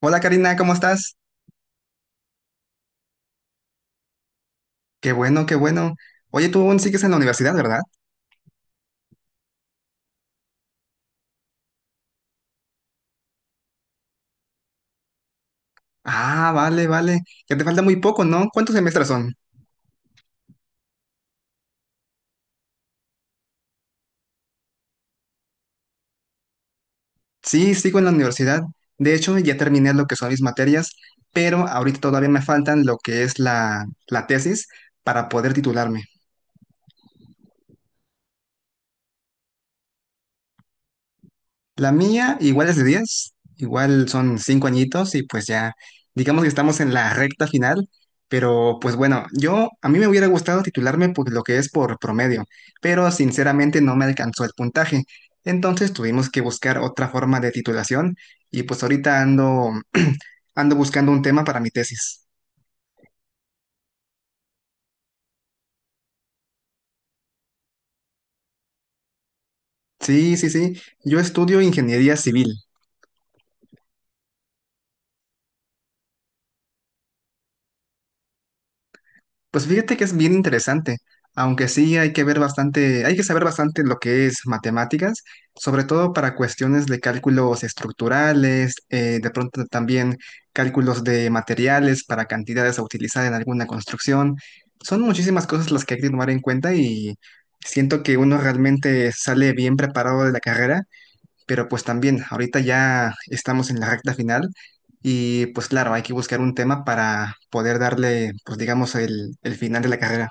Hola Karina, ¿cómo estás? Qué bueno, qué bueno. Oye, tú aún sigues en la universidad, ¿verdad? Ah, vale, vale. Ya te falta muy poco, ¿no? ¿Cuántos semestres son? Sí, sigo en la universidad. De hecho, ya terminé lo que son mis materias, pero ahorita todavía me faltan lo que es la tesis para poder titularme. La mía igual es de 10, igual son 5 añitos y pues ya, digamos que estamos en la recta final, pero pues bueno, yo a mí me hubiera gustado titularme por lo que es por promedio, pero sinceramente no me alcanzó el puntaje. Entonces tuvimos que buscar otra forma de titulación y pues ahorita ando ando buscando un tema para mi tesis. Sí, sí, sí, yo estudio ingeniería civil. Pues fíjate que es bien interesante, aunque sí hay que ver bastante, hay que saber bastante lo que es matemáticas, sobre todo para cuestiones de cálculos estructurales, de pronto también cálculos de materiales para cantidades a utilizar en alguna construcción. Son muchísimas cosas las que hay que tomar en cuenta y siento que uno realmente sale bien preparado de la carrera, pero pues también, ahorita ya estamos en la recta final y pues claro, hay que buscar un tema para poder darle, pues digamos, el final de la carrera.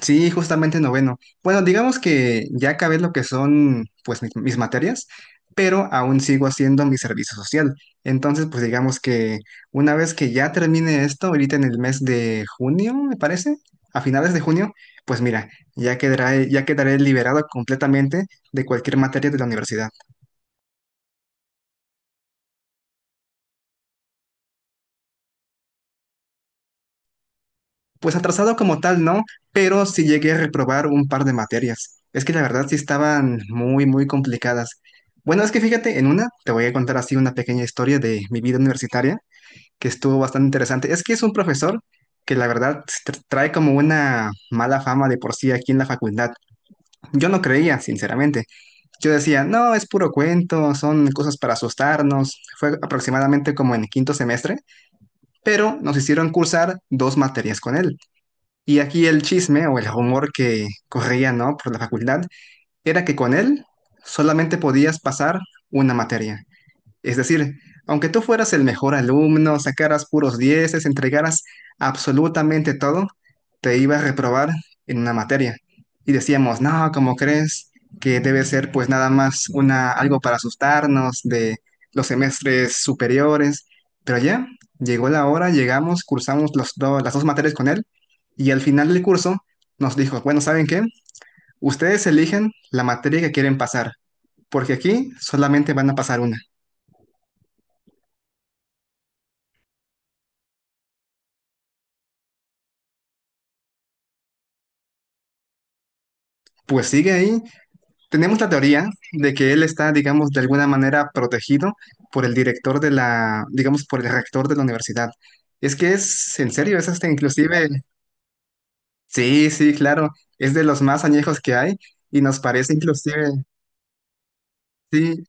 Sí, justamente noveno. Bueno, digamos que ya acabé lo que son pues mis materias, pero aún sigo haciendo mi servicio social. Entonces, pues digamos que una vez que ya termine esto, ahorita en el mes de junio, me parece, a finales de junio, pues mira, ya quedaré liberado completamente de cualquier materia de la universidad. Pues atrasado como tal, no, pero sí llegué a reprobar un par de materias. Es que la verdad sí estaban muy, muy complicadas. Bueno, es que fíjate, en una te voy a contar así una pequeña historia de mi vida universitaria que estuvo bastante interesante. Es que es un profesor que la verdad trae como una mala fama de por sí aquí en la facultad. Yo no creía, sinceramente. Yo decía, no, es puro cuento, son cosas para asustarnos. Fue aproximadamente como en quinto semestre, pero nos hicieron cursar dos materias con él. Y aquí el chisme o el rumor que corría, ¿no?, por la facultad, era que con él solamente podías pasar una materia. Es decir, aunque tú fueras el mejor alumno, sacaras puros dieces, entregaras absolutamente todo, te iba a reprobar en una materia. Y decíamos, no, ¿cómo crees?, que debe ser pues nada más una, algo para asustarnos de los semestres superiores. Pero ya, llegó la hora, llegamos, cursamos las dos materias con él, y al final del curso nos dijo, bueno, ¿saben qué? Ustedes eligen la materia que quieren pasar, porque aquí solamente van a pasar una. Pues sigue ahí. Tenemos la teoría de que él está, digamos, de alguna manera protegido por el director de la, digamos, por el rector de la universidad. Es que es, en serio, es hasta inclusive, sí, sí, claro, es de los más añejos que hay, y nos parece inclusive, sí,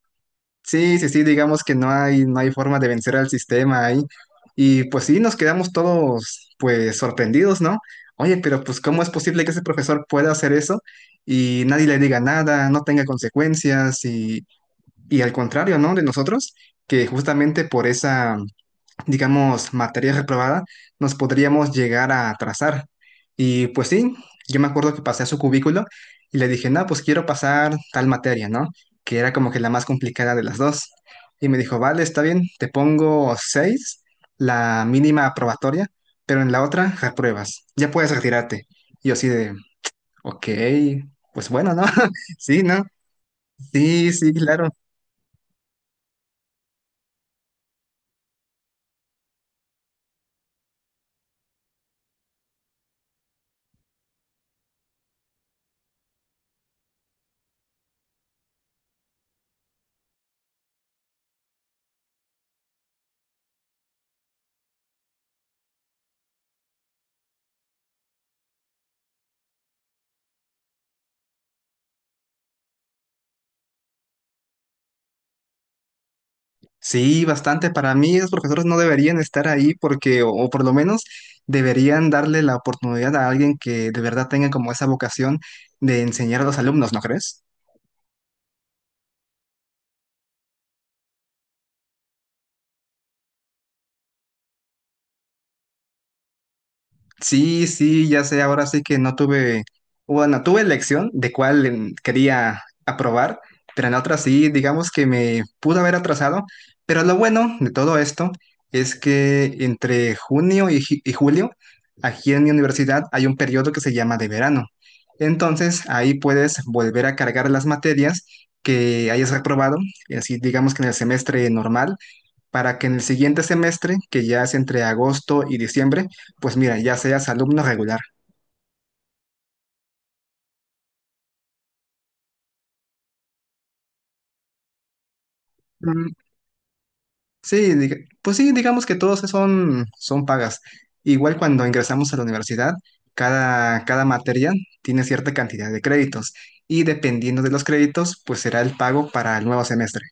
sí, sí, sí, digamos que no hay, forma de vencer al sistema ahí. Y pues sí, nos quedamos todos, pues, sorprendidos, ¿no? Oye, pero pues, ¿cómo es posible que ese profesor pueda hacer eso y nadie le diga nada, no tenga consecuencias? Y al contrario, ¿no?, de nosotros, que justamente por esa, digamos, materia reprobada, nos podríamos llegar a atrasar. Y pues sí, yo me acuerdo que pasé a su cubículo y le dije, no, pues quiero pasar tal materia, ¿no? Que era como que la más complicada de las dos. Y me dijo, vale, está bien, te pongo seis, la mínima aprobatoria, pero en la otra repruebas, ya puedes retirarte. Y yo así de, ok, pues bueno, ¿no? Sí, ¿no? Sí, sí, claro. Sí, bastante. Para mí, los profesores no deberían estar ahí porque, o por lo menos, deberían darle la oportunidad a alguien que de verdad tenga como esa vocación de enseñar a los alumnos, ¿no crees? Sí, sí, ya sé, ahora sí que no tuve, bueno, tuve elección de cuál quería aprobar, pero en la otra sí, digamos que me pudo haber atrasado, pero lo bueno de todo esto es que entre junio y julio, aquí en mi universidad hay un periodo que se llama de verano. Entonces, ahí puedes volver a cargar las materias que hayas reprobado, y así digamos que en el semestre normal, para que en el siguiente semestre, que ya es entre agosto y diciembre, pues mira, ya seas alumno regular. Mm, sí, pues sí, digamos que todos son, pagas. Igual cuando ingresamos a la universidad, cada materia tiene cierta cantidad de créditos, y dependiendo de los créditos, pues será el pago para el nuevo semestre.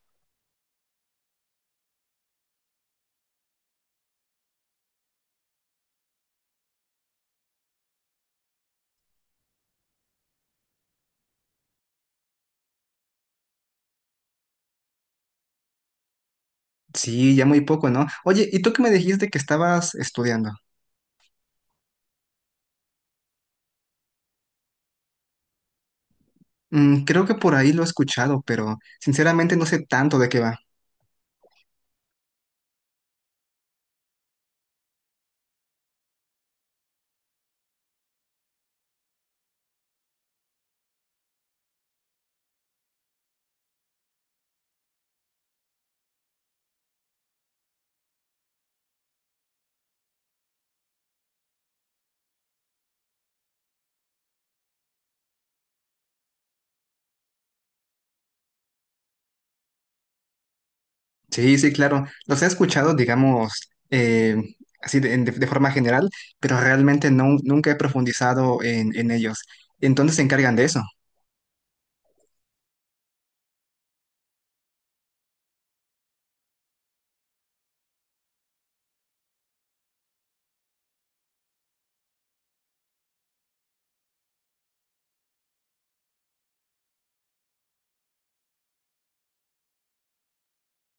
Sí, ya muy poco, ¿no? Oye, ¿y tú qué me dijiste que estabas estudiando? Mm, creo que por ahí lo he escuchado, pero sinceramente no sé tanto de qué va. Sí, sí, claro. Los he escuchado, digamos, así de forma general, pero realmente no, nunca he profundizado en ellos. Entonces se encargan de eso.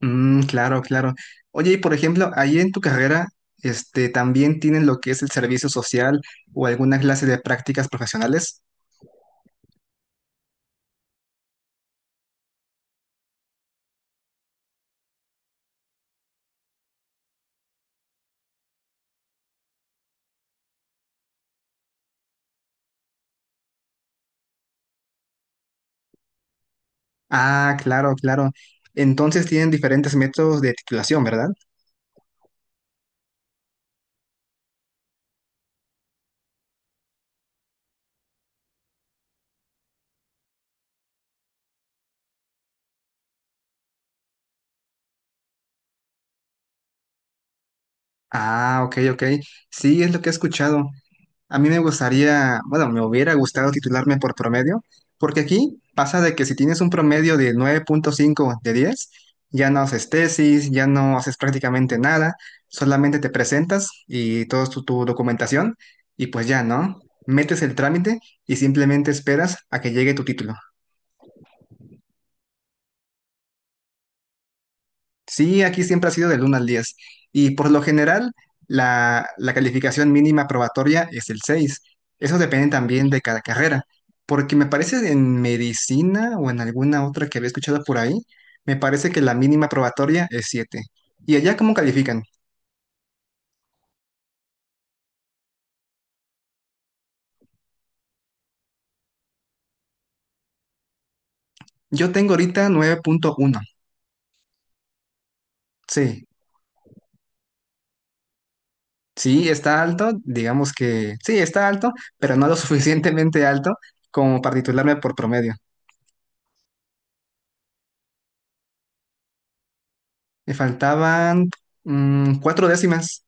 Mm, claro, claro. Oye, y por ejemplo, ahí en tu carrera, este, ¿también tienen lo que es el servicio social o alguna clase de prácticas profesionales? Ah, claro, claro. Entonces tienen diferentes métodos de titulación, ¿verdad? Ah, ok, ok. Sí, es lo que he escuchado. A mí me gustaría, bueno, me hubiera gustado titularme por promedio, porque aquí pasa de que si tienes un promedio de 9,5 de 10, ya no haces tesis, ya no haces prácticamente nada, solamente te presentas y toda tu documentación y pues ya, ¿no? Metes el trámite y simplemente esperas a que llegue tu título. Sí, aquí siempre ha sido del 1 al 10. Y por lo general, la calificación mínima probatoria es el 6. Eso depende también de cada carrera. Porque me parece en medicina o en alguna otra que había escuchado por ahí, me parece que la mínima probatoria es siete. ¿Y allá cómo califican? Yo tengo ahorita 9,1. Sí, sí, está alto, digamos que sí, está alto, pero no lo suficientemente alto como para titularme por promedio. Me faltaban 4 décimas.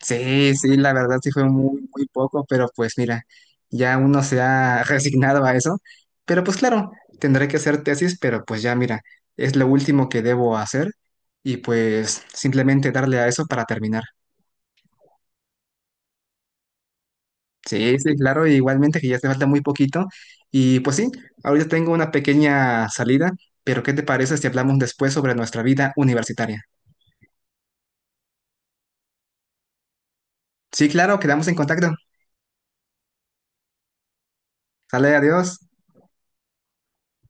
Sí, sí, la verdad sí fue muy, muy poco, pero pues mira, ya uno se ha resignado a eso. Pero pues claro, tendré que hacer tesis, pero pues ya mira, es lo último que debo hacer, y pues simplemente darle a eso para terminar. Sí, sí, claro, igualmente que ya te falta muy poquito. Y pues sí, ahorita tengo una pequeña salida, pero ¿qué te parece si hablamos después sobre nuestra vida universitaria? Sí, claro, quedamos en contacto. Sale, adiós.